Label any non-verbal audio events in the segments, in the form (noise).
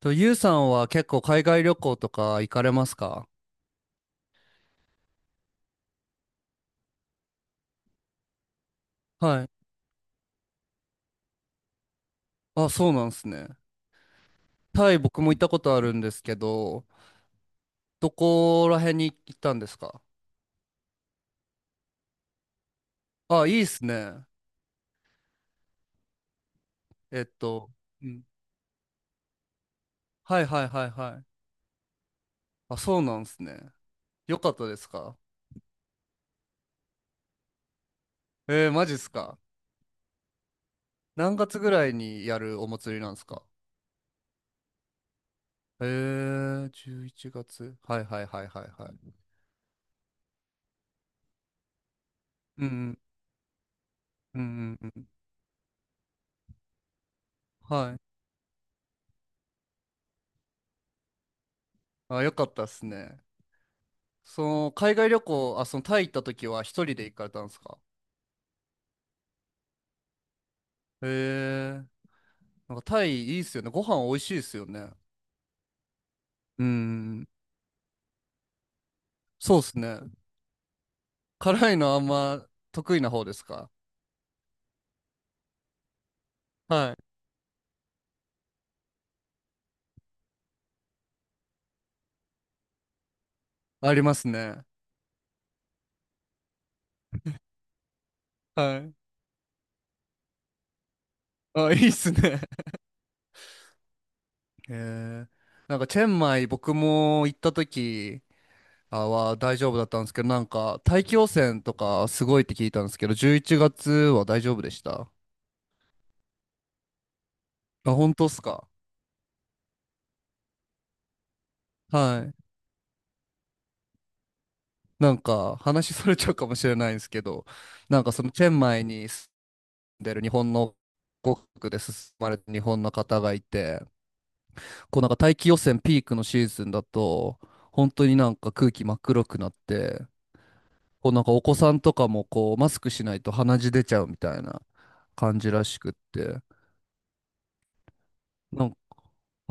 と、ゆうさんは結構海外旅行とか行かれますか？はい。あ、そうなんですね。タイ僕も行ったことあるんですけど、どこら辺に行ったんですか？あ、いいっすね。えっと、うん。はいはいはいはい。あ、そうなんですね。よかったですか？えー、マジっすか？何月ぐらいにやるお祭りなんですか？えー、11月。はいはいはいはいはい。うんうんうんうんうん。はい。あ、よかったっすね。その、海外旅行、あ、その、タイ行った時は一人で行かれたんですか？へえ。なんかタイいいっすよね。ご飯美味しいっすよね。うん。そうっすね。辛いのあんま得意な方ですか？はい。ありますね。はい。あ、いいっすね。へえ。なんか、チェンマイ僕も行った時は大丈夫だったんですけど、なんか、大気汚染とかすごいって聞いたんですけど、11月は大丈夫でした？あ、本当っすか？はい。なんか話それちゃうかもしれないんですけど、なんかそのチェンマイに住んでる日本の国で進まれた日本の方がいて、こうなんか大気汚染ピークのシーズンだと、本当になんか空気真っ黒くなって、こうなんかお子さんとかもこうマスクしないと鼻血出ちゃうみたいな感じらしくって、なんか、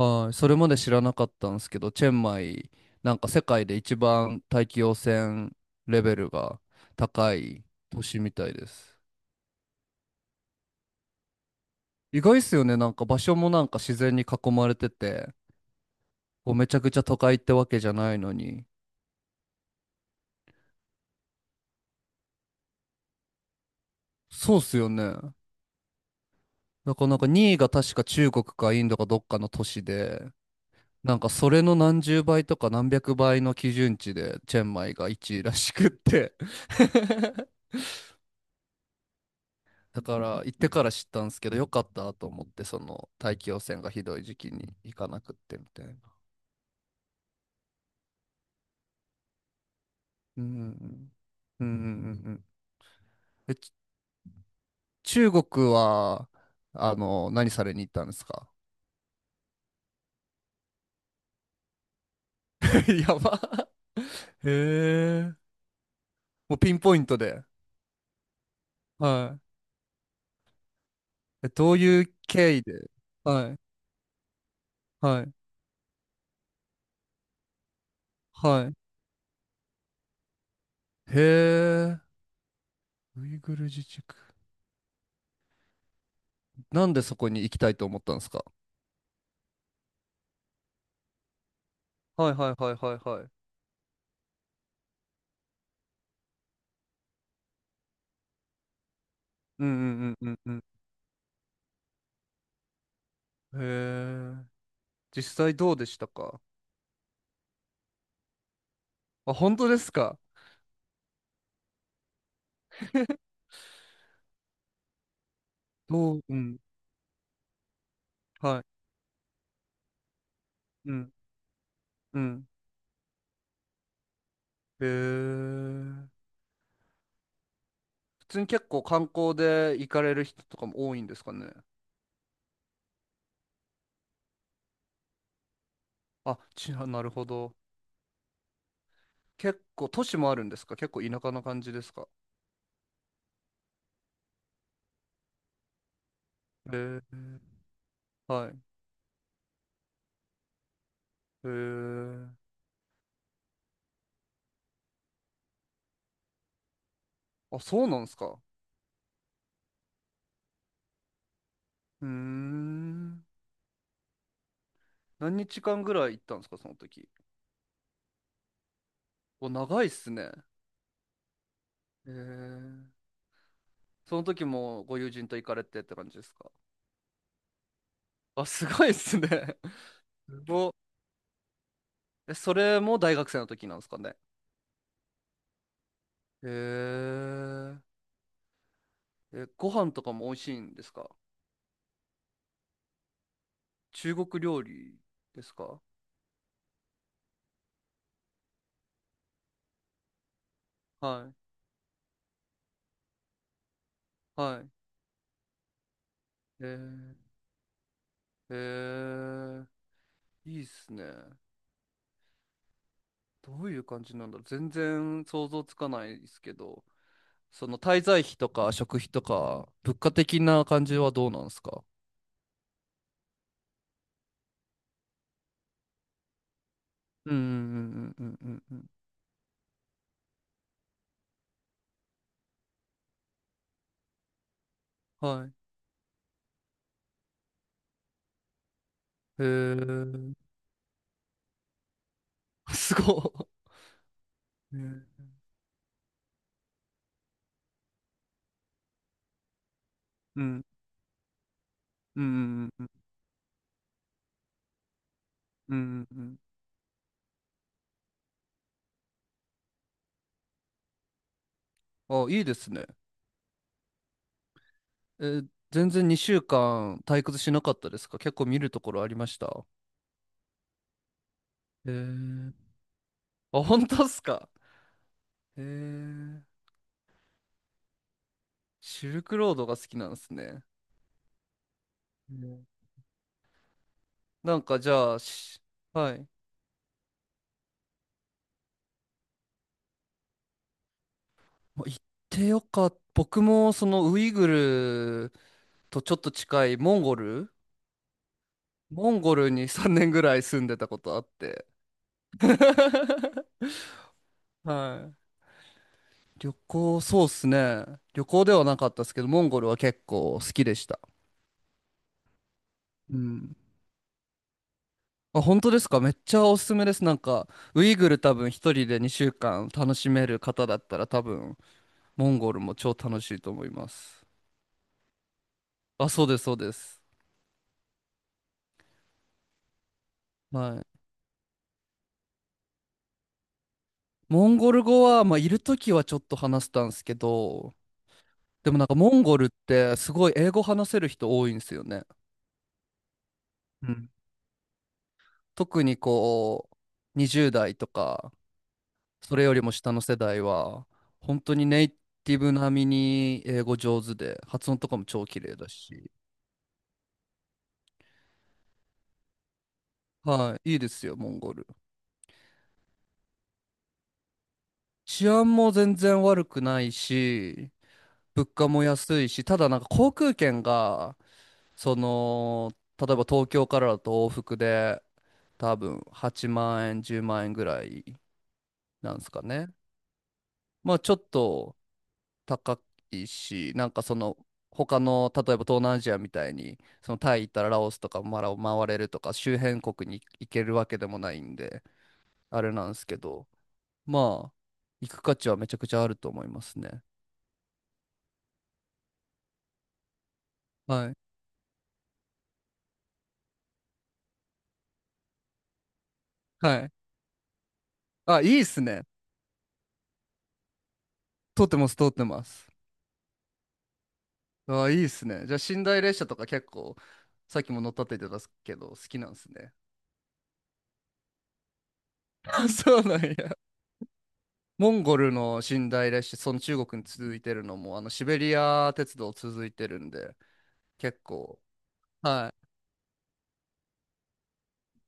はい、それまで知らなかったんですけど、チェンマイ、なんか世界で一番大気汚染レベルが高い都市みたいです。意外っすよね。なんか場所もなんか自然に囲まれてて、こうめちゃくちゃ都会ってわけじゃないのに。そうっすよね。だからなんか2位が確か中国かインドかどっかの都市で、なんかそれの何十倍とか何百倍の基準値でチェンマイが1位らしくって。(laughs) だから行ってから知ったんですけど、よかったと思って、その大気汚染がひどい時期に行かなくってみたいな。うんうんうん。うんうんうんうん。えち中国は、何されに行ったんですか？ (laughs) やば。へえ。もうピンポイントで。はい。え、どういう経緯で？はい。はい。はい。へえ。ウイグル自治区。なんでそこに行きたいと思ったんですか？はいはいはいはいはい。うんうんうんうんうん。へえ。実際どうでしたか？あ、本当ですか？うん。はい。うん。うん。へえ。普通に結構観光で行かれる人とかも多いんですかね。あ、なるほど。結構都市もあるんですか？結構田舎な感じですか？へえ、はい。へえ。あ、そうなんですか。うーん。何日間ぐらい行ったんですか、その時。お、長いっすね。へえ。その時もご友人と行かれてって感じですか？あ、すごいっすね。(laughs) すごっ。え、それも大学生の時なんですかね。へえ。え、ご飯とかも美味しいんですか？中国料理ですか？はい。はい。えー、えー、いいっすね。どういう感じなんだろう。全然想像つかないですけど、その滞在費とか食費とか、物価的な感じはどうなんですか？うんうんうんうんうんうん。はい。へえー。(laughs) すごい。ね。うんうんうんうんうんうん。うん。あ、いいですね。えー全然2週間退屈しなかったですか？結構見るところありました？へえー。あ、本当っすか？へえ。シルクロードが好きなんですね。うん。なんかじゃあ。はい。まあ行ってよかった。僕もそのウイグルとちょっと近いモンゴルに3年ぐらい住んでたことあって。(laughs) はい。旅行、そうっすね。旅行ではなかったですけど、モンゴルは結構好きでした。うん。あ、本当ですか？めっちゃおすすめです。なんか、ウイグル多分一人で2週間楽しめる方だったら多分モンゴルも超楽しいと思います。あ、そうです、そうです。はい。モンゴル語は、まあ、いるときはちょっと話したんですけど、でもなんかモンゴルってすごい英語話せる人多いんですよね。うん。特にこう、20代とか、それよりも下の世代は、本当にネイティブ並みに英語上手で、発音とかも超綺麗だし、はい、いいですよ、モンゴル。治安も全然悪くないし、物価も安いし、ただなんか航空券が、その、例えば東京からだと往復で多分8万円、10万円ぐらいなんですかね。まあちょっと高いし、なんかその他の、例えば東南アジアみたいに、そのタイ行ったらラオスとかマラを回れるとか、周辺国に行けるわけでもないんで、あれなんですけど、まあ行く価値はめちゃくちゃあると思いますね。はい。はい。あ、いいっすね。通ってます、通ってます。ああ、いいっすね。じゃあ、寝台列車とか結構、さっきも乗ったって言ってたけど、好きなんですね。(laughs) そうなんや。モンゴルの寝台列車、その中国に続いてるのも、あの、シベリア鉄道続いてるんで、結構、は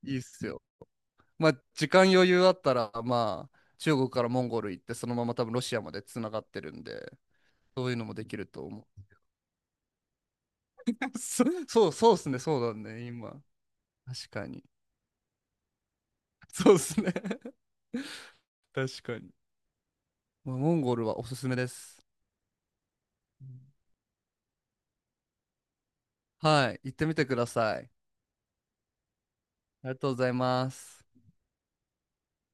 い、いいっすよ。まあ、時間余裕あったら、まあ、中国からモンゴル行って、そのまま多分ロシアまでつながってるんで、そういうのもできると思う。(laughs) そう、そうっすね、そうだね、今。確かに。(laughs) そうっすね。(laughs) 確かに。まあ、モンゴルはおすすめです。はい、行ってみてください。ありがとうございます。